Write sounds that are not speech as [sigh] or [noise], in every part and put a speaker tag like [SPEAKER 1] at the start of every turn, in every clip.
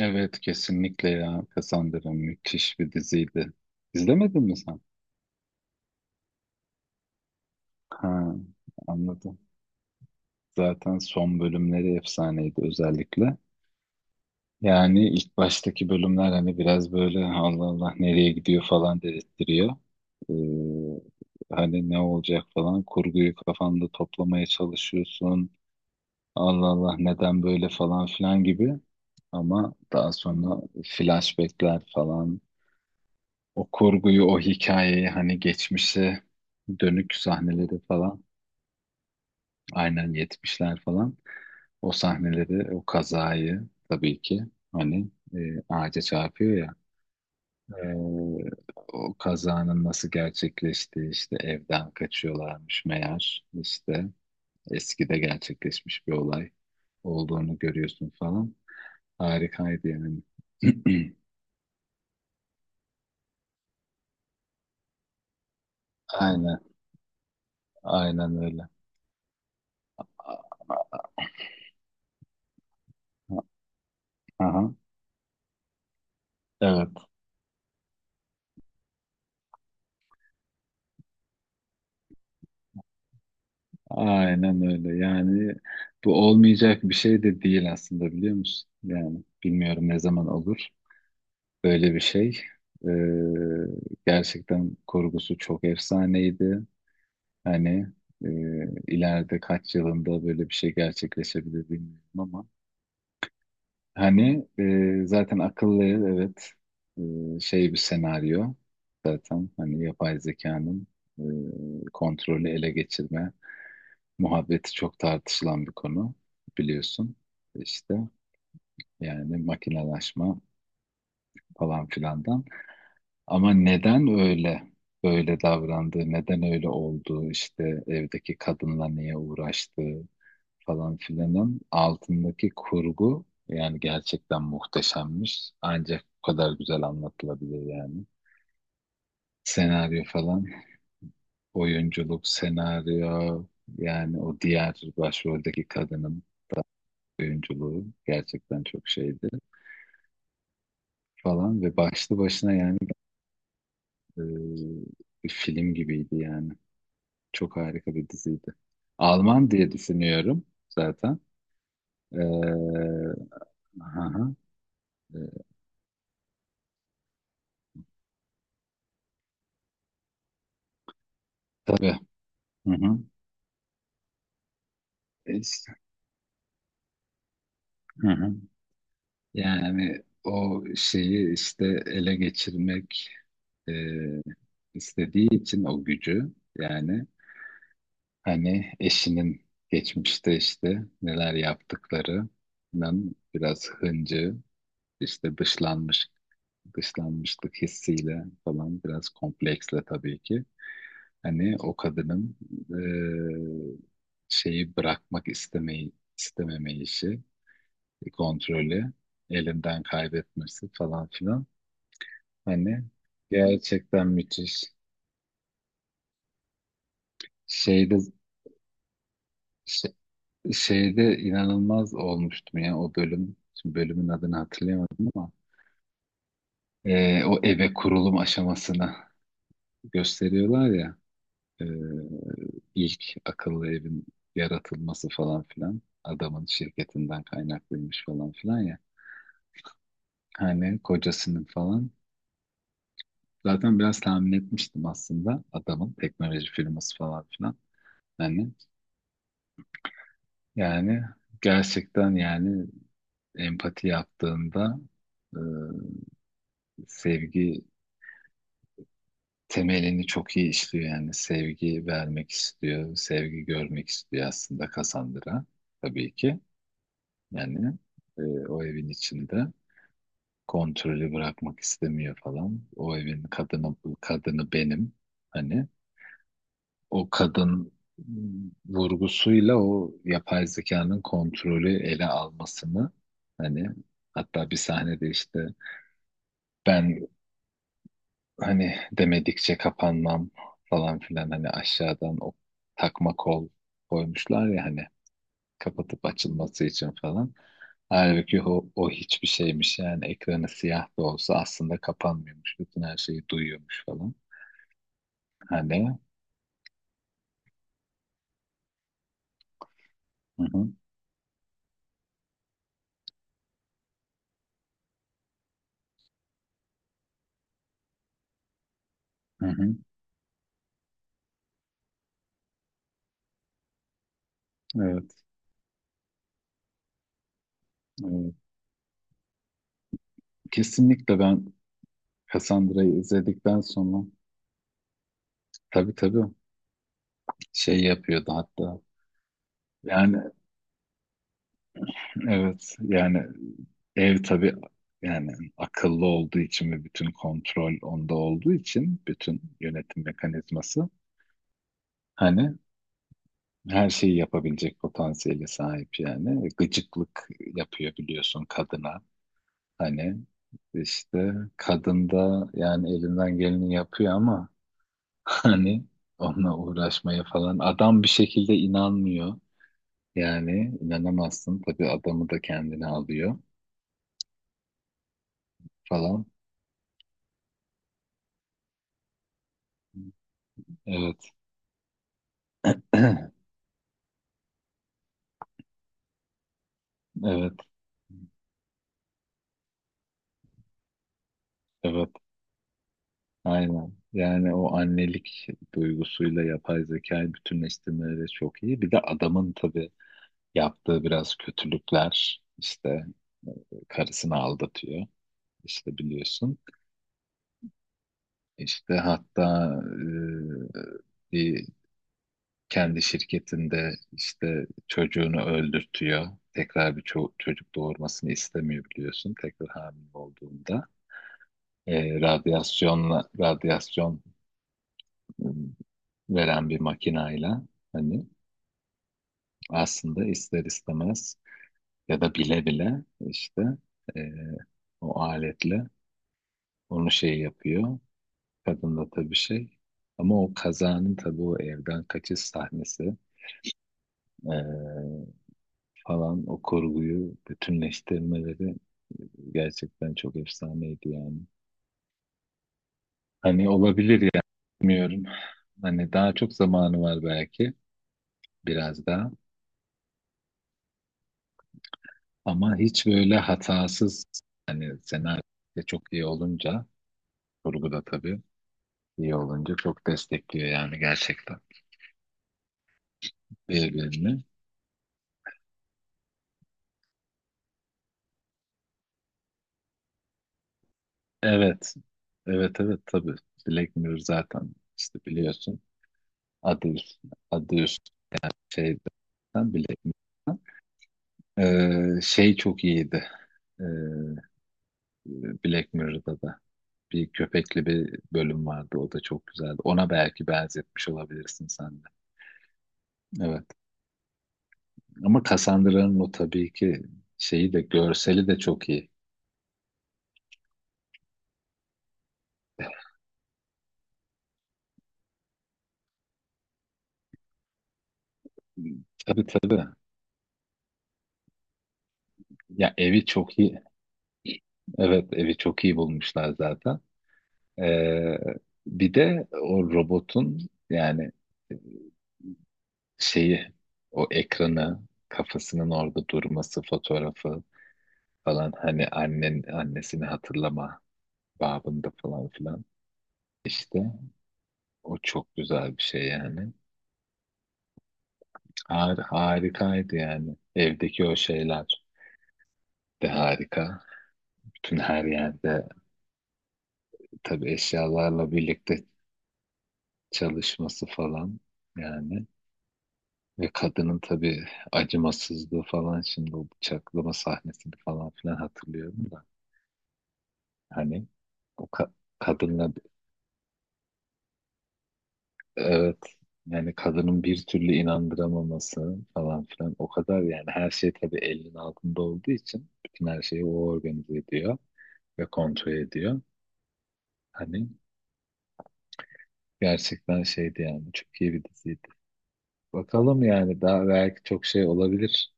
[SPEAKER 1] Evet, kesinlikle ya. Cassandra müthiş bir diziydi. İzlemedin mi sen? Ha, anladım. Zaten son bölümleri efsaneydi özellikle. Yani ilk baştaki bölümler hani biraz böyle Allah Allah nereye gidiyor falan dedirttiriyor. Ee, hani ne olacak falan, kurguyu kafanda toplamaya çalışıyorsun. Allah Allah neden böyle falan filan gibi. Ama daha sonra flashbackler falan. O kurguyu, o hikayeyi hani geçmişe dönük sahneleri falan. Aynen, yetmişler falan. O sahneleri, o kazayı tabii ki hani ağaca çarpıyor ya. e, O kazanın nasıl gerçekleştiği, işte evden kaçıyorlarmış meğer, işte eskide gerçekleşmiş bir olay olduğunu görüyorsun falan. Harikaydı yani. [clears throat] Aynen, aynen öyle. Aha, evet. Aynen öyle. Yani bu olmayacak bir şey de değil aslında, biliyor musun? Yani bilmiyorum, ne zaman olur böyle bir şey. Gerçekten kurgusu çok efsaneydi. Hani e, ileride kaç yılında böyle bir şey gerçekleşebilir bilmiyorum ama. Hani zaten akıllı ev, evet, şey, bir senaryo zaten, hani yapay zekanın kontrolü ele geçirme muhabbeti çok tartışılan bir konu, biliyorsun. İşte yani makinalaşma falan filandan. Ama neden öyle davrandığı, neden öyle olduğu, işte evdeki kadınla niye uğraştığı falan filanın altındaki kurgu yani gerçekten muhteşemmiş. Ancak bu kadar güzel anlatılabilir yani. Senaryo falan, oyunculuk, senaryo, yani o diğer başroldeki kadının oyunculuğu gerçekten çok şeydi falan, ve başlı başına yani e, bir film gibiydi yani. Çok harika bir diziydi. Alman diye düşünüyorum zaten. Ee, aha, e, tabii. Hı hı. İşte, hı hı. Yani o şeyi işte ele geçirmek e, istediği için, o gücü yani, hani eşinin geçmişte işte neler yaptıklarının biraz hıncı. İşte dışlanmışlık hissiyle falan, biraz kompleksle tabii ki. Hani o kadının eee, şeyi bırakmak istememeyişi, kontrolü elinden kaybetmesi falan filan. Hani gerçekten müthiş. Şeyde ş- Şeyde inanılmaz olmuştum ya o bölüm. Şimdi bölümün adını hatırlayamadım ama o eve kurulum aşamasını gösteriyorlar ya. Ee, ilk akıllı evin yaratılması falan filan, adamın şirketinden kaynaklıymış falan filan ya. Hani kocasının falan. Zaten biraz tahmin etmiştim aslında, adamın teknoloji firması falan filan. Hani, yani, gerçekten yani empati yaptığında e, sevgi temelini çok iyi işliyor yani, sevgi vermek istiyor, sevgi görmek istiyor aslında Cassandra, tabii ki. Yani e, o evin içinde kontrolü bırakmak istemiyor falan. O evin kadını benim. Hani o kadın mm vurgusuyla o yapay zekanın kontrolü ele almasını, hani, hatta bir sahnede işte ben hani demedikçe kapanmam falan filan, hani aşağıdan o takma kol koymuşlar ya hani, kapatıp açılması için falan. Halbuki o hiçbir şeymiş yani, ekranı siyah da olsa aslında kapanmıyormuş. Bütün her şeyi duyuyormuş falan. Hani hı hı, hı hı, evet, evet. Kesinlikle ben Cassandra'yı izledikten sonra, tabii tabii, şey yapıyordu hatta. Yani evet yani, ev tabii, yani akıllı olduğu için ve bütün kontrol onda olduğu için bütün yönetim mekanizması, hani, her şeyi yapabilecek potansiyele sahip yani. E, gıcıklık yapıyor, biliyorsun, kadına. Hani işte kadın da yani elinden geleni yapıyor ama [laughs] hani onunla uğraşmaya falan. Adam bir şekilde inanmıyor. Yani inanamazsın. Tabii adamı da kendine alıyor falan. Evet. [clears throat] Evet. Evet. Aynen. Yani o annelik duygusuyla yapay zekayı bütünleştirmeleri çok iyi. Bir de adamın tabii yaptığı biraz kötülükler, işte e, karısını aldatıyor işte, biliyorsun. İşte hatta e, bir kendi şirketinde işte çocuğunu öldürtüyor. Tekrar bir çocuk doğurmasını istemiyor, biliyorsun, tekrar hamile olduğunda. E, radyasyon e, veren bir makinayla, hani aslında ister istemez, ya da bile bile işte e, o aletle onu şey yapıyor. Kadın da tabii şey. Ama o kazanın tabii, o evden kaçış sahnesi eee, falan, o kurguyu bütünleştirmeleri gerçekten çok efsaneydi yani. Hani olabilir yani, bilmiyorum. Hani daha çok zamanı var belki, biraz daha. Ama hiç böyle hatasız, hani senaryo da çok iyi olunca, kurgu da tabii iyi olunca çok destekliyor yani gerçekten birbirini. Evet. Evet evet tabii. Black Mirror zaten işte, biliyorsun. Adı, üst- Adı üst şeyden, Black Mirror'dan. Şey çok iyiydi. Ee, Black Mirror'da da bir köpekli bir bölüm vardı. O da çok güzeldi. Ona belki benzetmiş olabilirsin sen de. Evet. Ama Cassandra'nın o tabii ki şeyi de, görseli de çok iyi. Tabii tabii. Ya, evi çok iyi. Evet, evi çok iyi bulmuşlar zaten. Ee, bir de o robotun yani şeyi, o ekranı, kafasının orada durması, fotoğrafı falan, hani annen annesini hatırlama babında falan filan işte, o çok güzel bir şey yani. Harikaydı yani, evdeki o şeyler de harika, bütün her yerde tabii eşyalarla birlikte çalışması falan yani. Ve kadının tabii acımasızlığı falan, şimdi o bıçaklama sahnesini falan filan hatırlıyorum da. Hani o ka- kadınla, evet, yani kadının bir türlü inandıramaması falan filan, o kadar yani, her şey tabii elinin altında olduğu için bütün her şeyi o organize ediyor ve kontrol ediyor. Hani gerçekten şeydi yani, çok iyi bir diziydi. Bakalım yani, daha belki çok şey olabilir.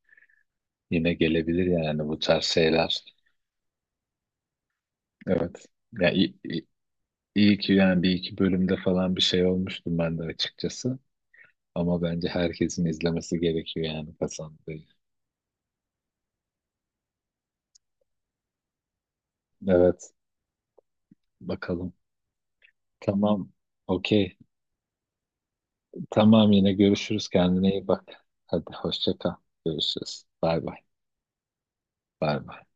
[SPEAKER 1] Yine gelebilir yani bu tarz şeyler. Evet. Ya, İyi ki yani, bir iki bölümde falan bir şey olmuştum ben de açıkçası. Ama bence herkesin izlemesi gerekiyor yani, Hasan Bey. Evet, bakalım. Tamam, okey. Tamam, yine görüşürüz. Kendine iyi bak. Hadi hoşça kal. Görüşürüz. Bay bay. Bay bay.